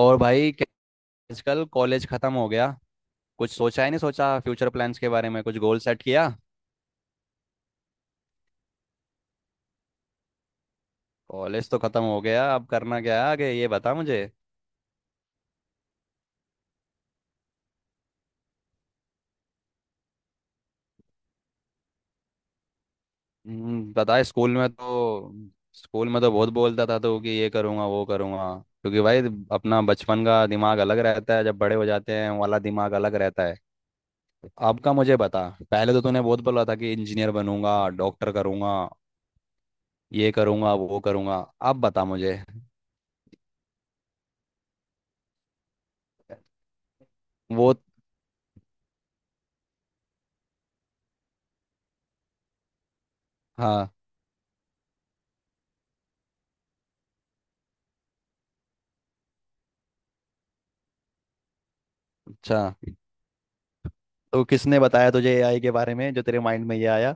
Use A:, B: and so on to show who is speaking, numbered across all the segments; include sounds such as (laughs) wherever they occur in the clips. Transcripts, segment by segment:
A: और भाई आजकल कॉलेज खत्म हो गया। कुछ सोचा ही नहीं, सोचा फ्यूचर प्लान्स के बारे में, कुछ गोल सेट किया। कॉलेज तो खत्म हो गया, अब करना क्या है आगे, ये बता मुझे। बता, स्कूल में तो बहुत बोलता था तो, कि ये करूँगा वो करूँगा। क्योंकि भाई अपना बचपन का दिमाग अलग रहता है, जब बड़े हो जाते हैं वाला दिमाग अलग रहता है। अब का मुझे बता, पहले तो तूने बहुत बोला था कि इंजीनियर बनूंगा, डॉक्टर करूंगा, ये करूंगा वो करूंगा। अब बता मुझे। वो। हाँ। अच्छा। तो किसने बताया तुझे एआई के बारे में, जो तेरे माइंड में ये आया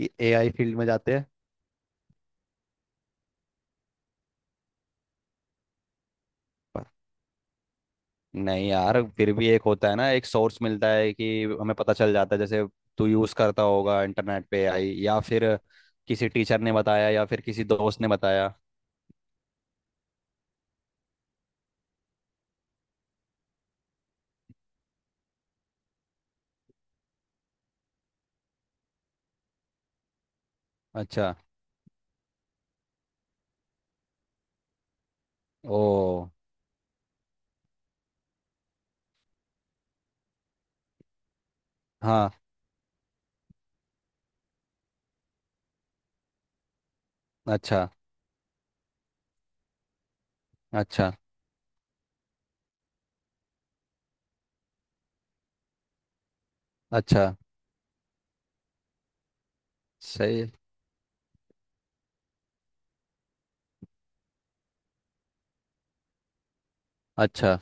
A: कि एआई फील्ड में जाते हैं। पर नहीं यार, फिर भी एक होता है ना, एक सोर्स मिलता है कि हमें पता चल जाता है, जैसे तू यूज करता होगा इंटरनेट पे एआई, या फिर किसी टीचर ने बताया, या फिर किसी दोस्त ने बताया। अच्छा। ओ। हाँ। अच्छा। अच्छा। अच्छा। सही। अच्छा।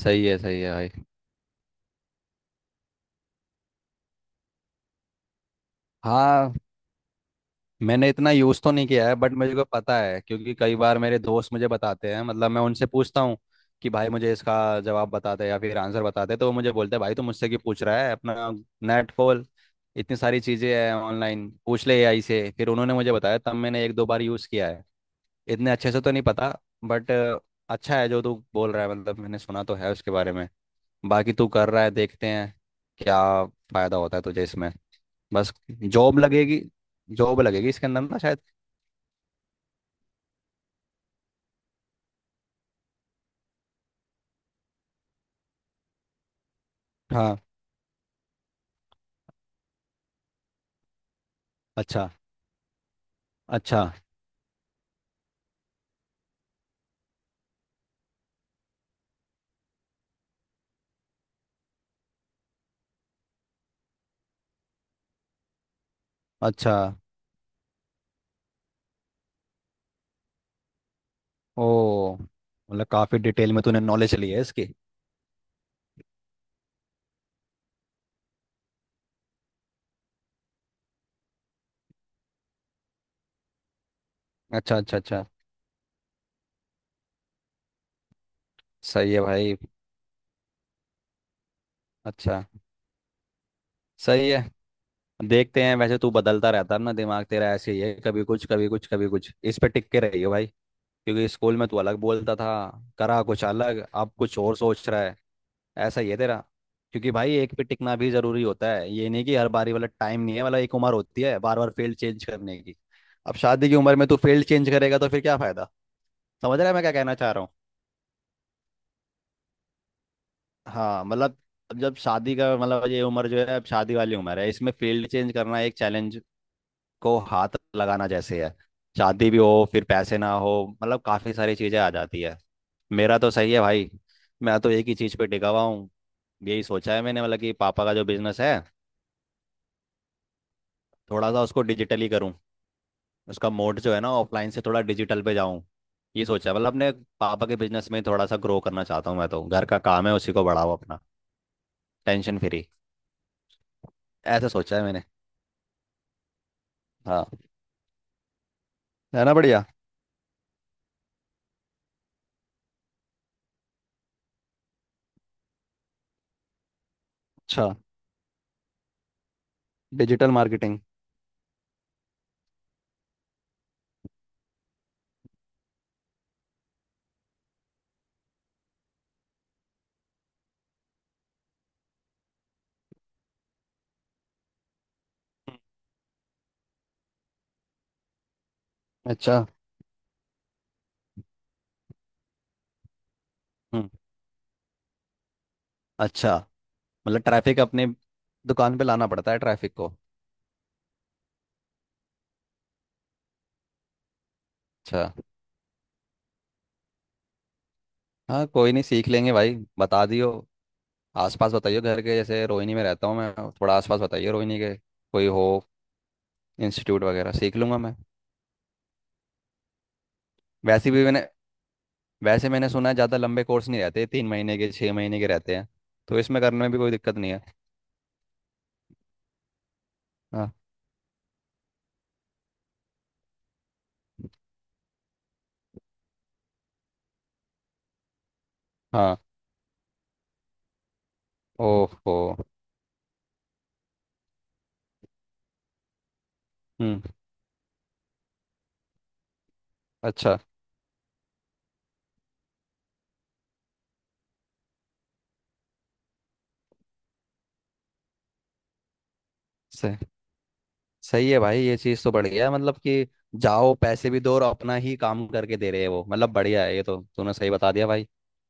A: सही है। सही है भाई। हाँ। मैंने इतना यूज़ तो नहीं किया है, बट मुझे को पता है, क्योंकि कई बार मेरे दोस्त मुझे बताते हैं, मतलब मैं उनसे पूछता हूँ कि भाई मुझे इसका जवाब बताते या फिर आंसर बताते, तो वो मुझे बोलते हैं भाई तू मुझसे क्यों पूछ रहा है, अपना नेट खोल, इतनी सारी चीज़ें हैं ऑनलाइन, पूछ ले एआई से। फिर उन्होंने मुझे बताया, तब मैंने एक दो बार यूज़ किया है। इतने अच्छे से तो नहीं पता, बट अच्छा है जो तू बोल रहा है, मतलब मैंने सुना तो है उसके बारे में। बाकी तू कर रहा है, देखते हैं क्या फ़ायदा होता है तुझे इसमें। बस जॉब लगेगी। जॉब लगेगी इसके अंदर ना शायद। हाँ। अच्छा। अच्छा। अच्छा। ओ मतलब काफी डिटेल में तूने नॉलेज ली है इसकी। अच्छा। अच्छा। अच्छा। सही है भाई। अच्छा। सही है। देखते हैं, वैसे तू बदलता रहता है ना, दिमाग तेरा ऐसे ही है, कभी कुछ कभी कुछ कभी कुछ, इस पे टिक के रहियो भाई। क्योंकि स्कूल में तू अलग बोलता था, करा कुछ अलग, अब कुछ और सोच रहा है। ऐसा ही है तेरा। क्योंकि भाई एक पे टिकना भी जरूरी होता है, ये नहीं कि हर बारी वाला, टाइम नहीं है वाला, एक उम्र होती है बार बार फील्ड चेंज करने की। अब शादी की उम्र में तू फील्ड चेंज करेगा तो फिर क्या फायदा। समझ रहे हैं मैं क्या कहना चाह रहा हूँ। हाँ मतलब अब जब शादी का, मतलब ये उम्र जो है, अब शादी वाली उम्र है, इसमें फील्ड चेंज करना एक चैलेंज को हाथ लगाना जैसे है। शादी भी हो फिर पैसे ना हो, मतलब काफ़ी सारी चीज़ें आ जाती है। मेरा तो सही है भाई, मैं तो एक ही चीज़ पे टिका हुआ हूँ। यही सोचा है मैंने, मतलब कि पापा का जो बिजनेस है, थोड़ा सा उसको डिजिटली करूँ, उसका मोड जो है ना ऑफलाइन से थोड़ा डिजिटल पे जाऊँ। ये सोचा है, मतलब अपने पापा के बिजनेस में थोड़ा सा ग्रो करना चाहता हूँ मैं तो, घर का काम है उसी को बढ़ाओ अपना, टेंशन फ्री। ऐसा सोचा है मैंने। हाँ, है ना बढ़िया। अच्छा। Digital marketing. अच्छा। हम्म। अच्छा। मतलब ट्रैफिक अपने दुकान पे लाना पड़ता है, ट्रैफिक को। अच्छा। हाँ कोई नहीं, सीख लेंगे भाई, बता दियो आसपास, बताइए घर के, जैसे रोहिणी में रहता हूँ मैं, थोड़ा आसपास बताइए रोहिणी के कोई हो, इंस्टीट्यूट वगैरह, सीख लूंगा मैं। वैसे भी मैंने वैसे मैंने सुना है ज़्यादा लंबे कोर्स नहीं रहते, 3 महीने के 6 महीने के रहते हैं, तो इसमें करने में भी कोई दिक्कत नहीं है। हाँ। हाँ। ओहो। हम्म। अच्छा। सही है भाई, ये चीज़ तो बढ़िया है, मतलब कि जाओ पैसे भी दो, और अपना ही काम करके दे रहे हैं वो, मतलब बढ़िया है, ये तो तूने सही बता दिया भाई।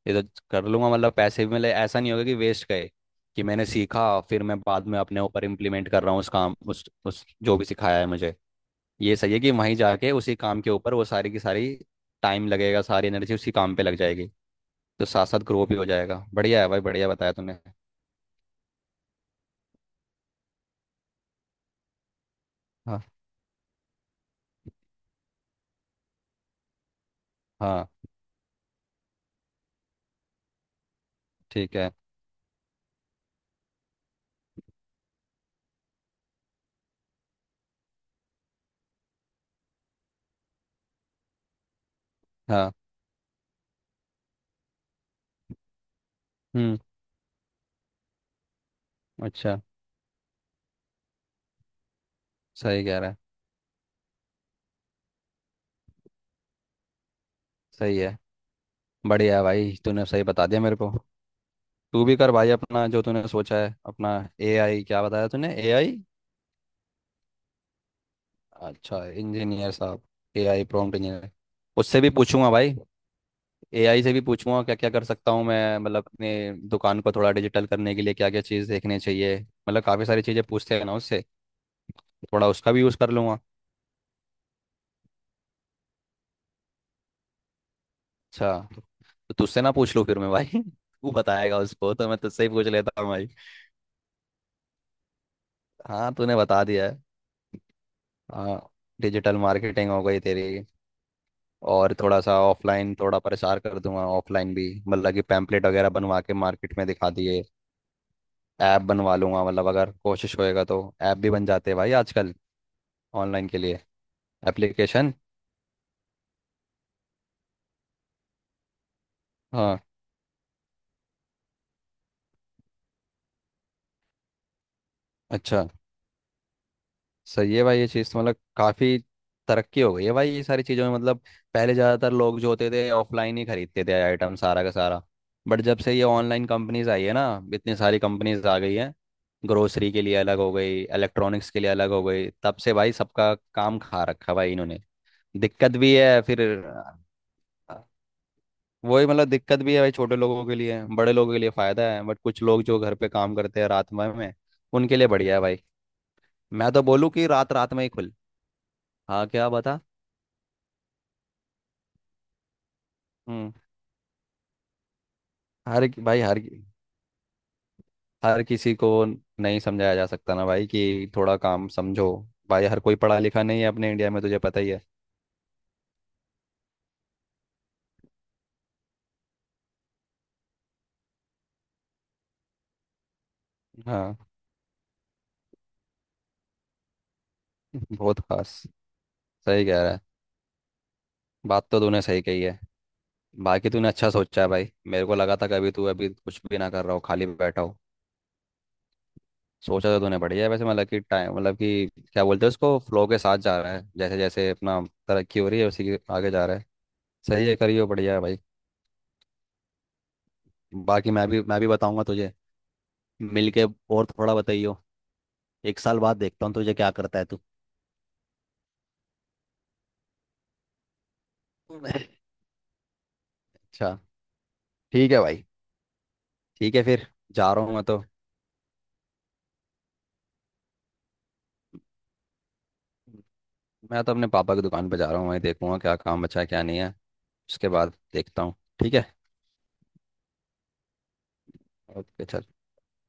A: ये तो कर लूंगा, मतलब पैसे भी मिले, ऐसा नहीं होगा कि वेस्ट गए, कि मैंने सीखा, फिर मैं बाद में अपने ऊपर इम्प्लीमेंट कर रहा हूँ उस काम उस जो भी सिखाया है मुझे। ये सही है कि वहीं जाके उसी काम के ऊपर वो सारी की सारी, टाइम लगेगा, सारी एनर्जी उसी काम पे लग जाएगी, तो साथ साथ ग्रो भी हो जाएगा। बढ़िया है भाई, बढ़िया बताया तूने। हाँ। हाँ। ठीक है। हाँ। हम्म। अच्छा। सही कह रहा है। सही है। बढ़िया भाई, तूने सही बता दिया मेरे को। तू भी कर भाई, अपना जो तूने सोचा है अपना। एआई क्या बताया तूने, एआई? अच्छा, इंजीनियर साहब, एआई प्रॉम्प्ट इंजीनियर। उससे भी पूछूंगा भाई, एआई से भी पूछूंगा क्या क्या कर सकता हूँ मैं, मतलब अपने दुकान को थोड़ा डिजिटल करने के लिए क्या क्या चीज़ देखने चाहिए, मतलब काफ़ी सारी चीज़ें पूछते हैं ना उससे। थोड़ा उसका भी यूज़ कर लूंगा। अच्छा। तो तुझसे ना पूछ लूँ फिर मैं भाई (laughs) तू बताएगा उसको, तो मैं तुझसे ही पूछ लेता हूँ भाई। हाँ तूने बता दिया है। हाँ। डिजिटल मार्केटिंग हो गई तेरी, और थोड़ा सा ऑफलाइन थोड़ा प्रसार कर दूंगा ऑफलाइन भी, मतलब कि पैम्पलेट वगैरह बनवा के मार्केट में दिखा दिए। ऐप बनवा लूंगा, मतलब अगर कोशिश होएगा तो ऐप भी बन जाते हैं भाई आजकल, ऑनलाइन के लिए, एप्लीकेशन। हाँ। अच्छा। सही है भाई, ये चीज़ तो मतलब काफ़ी तरक्की हो गई है भाई ये सारी चीज़ों में, मतलब पहले ज़्यादातर लोग जो होते थे ऑफलाइन ही खरीदते थे आइटम सारा का सारा, बट जब से ये ऑनलाइन कंपनीज आई है ना, इतनी सारी कंपनीज आ गई हैं, ग्रोसरी के लिए अलग हो गई, इलेक्ट्रॉनिक्स के लिए अलग हो गई, तब से भाई सबका काम खा रखा भाई इन्होंने, दिक्कत भी है फिर। अ, वही मतलब, दिक्कत भी है भाई छोटे लोगों के लिए, बड़े लोगों के लिए फ़ायदा है, बट कुछ लोग जो घर पे काम करते हैं रात भर में, उनके लिए बढ़िया है भाई। मैं तो बोलूँ कि रात रात में ही खुल। हाँ क्या बता। हम्म। हर भाई हर हर किसी को नहीं समझाया जा सकता ना भाई, कि थोड़ा काम समझो, भाई हर कोई पढ़ा लिखा नहीं है अपने इंडिया में, तुझे पता ही है। हाँ। बहुत खास। सही कह रहा है। बात तो तूने सही कही है। बाकी तूने अच्छा सोचा है भाई, मेरे को लगा था कि अभी तू अभी कुछ भी ना कर रहा हो, खाली बैठा हो। सोचा तो तूने बढ़िया है, वैसे मतलब कि टाइम, मतलब कि क्या बोलते हैं उसको, फ्लो के साथ जा रहा है, जैसे जैसे अपना तरक्की हो रही है उसी के आगे जा रहा है। सही है, करियो, बढ़िया है भाई। बाकी मैं भी बताऊंगा तुझे, मिल के, और थोड़ा बताइयो, एक साल बाद देखता हूँ तुझे क्या करता है तू। (laughs) अच्छा। ठीक है भाई। ठीक है फिर। जा रहा हूँ मैं तो, मैं तो अपने पापा की दुकान पर जा रहा हूँ, वहीं देखूंगा क्या काम बचा है क्या नहीं है, उसके बाद देखता हूँ। ठीक है। ओके चल।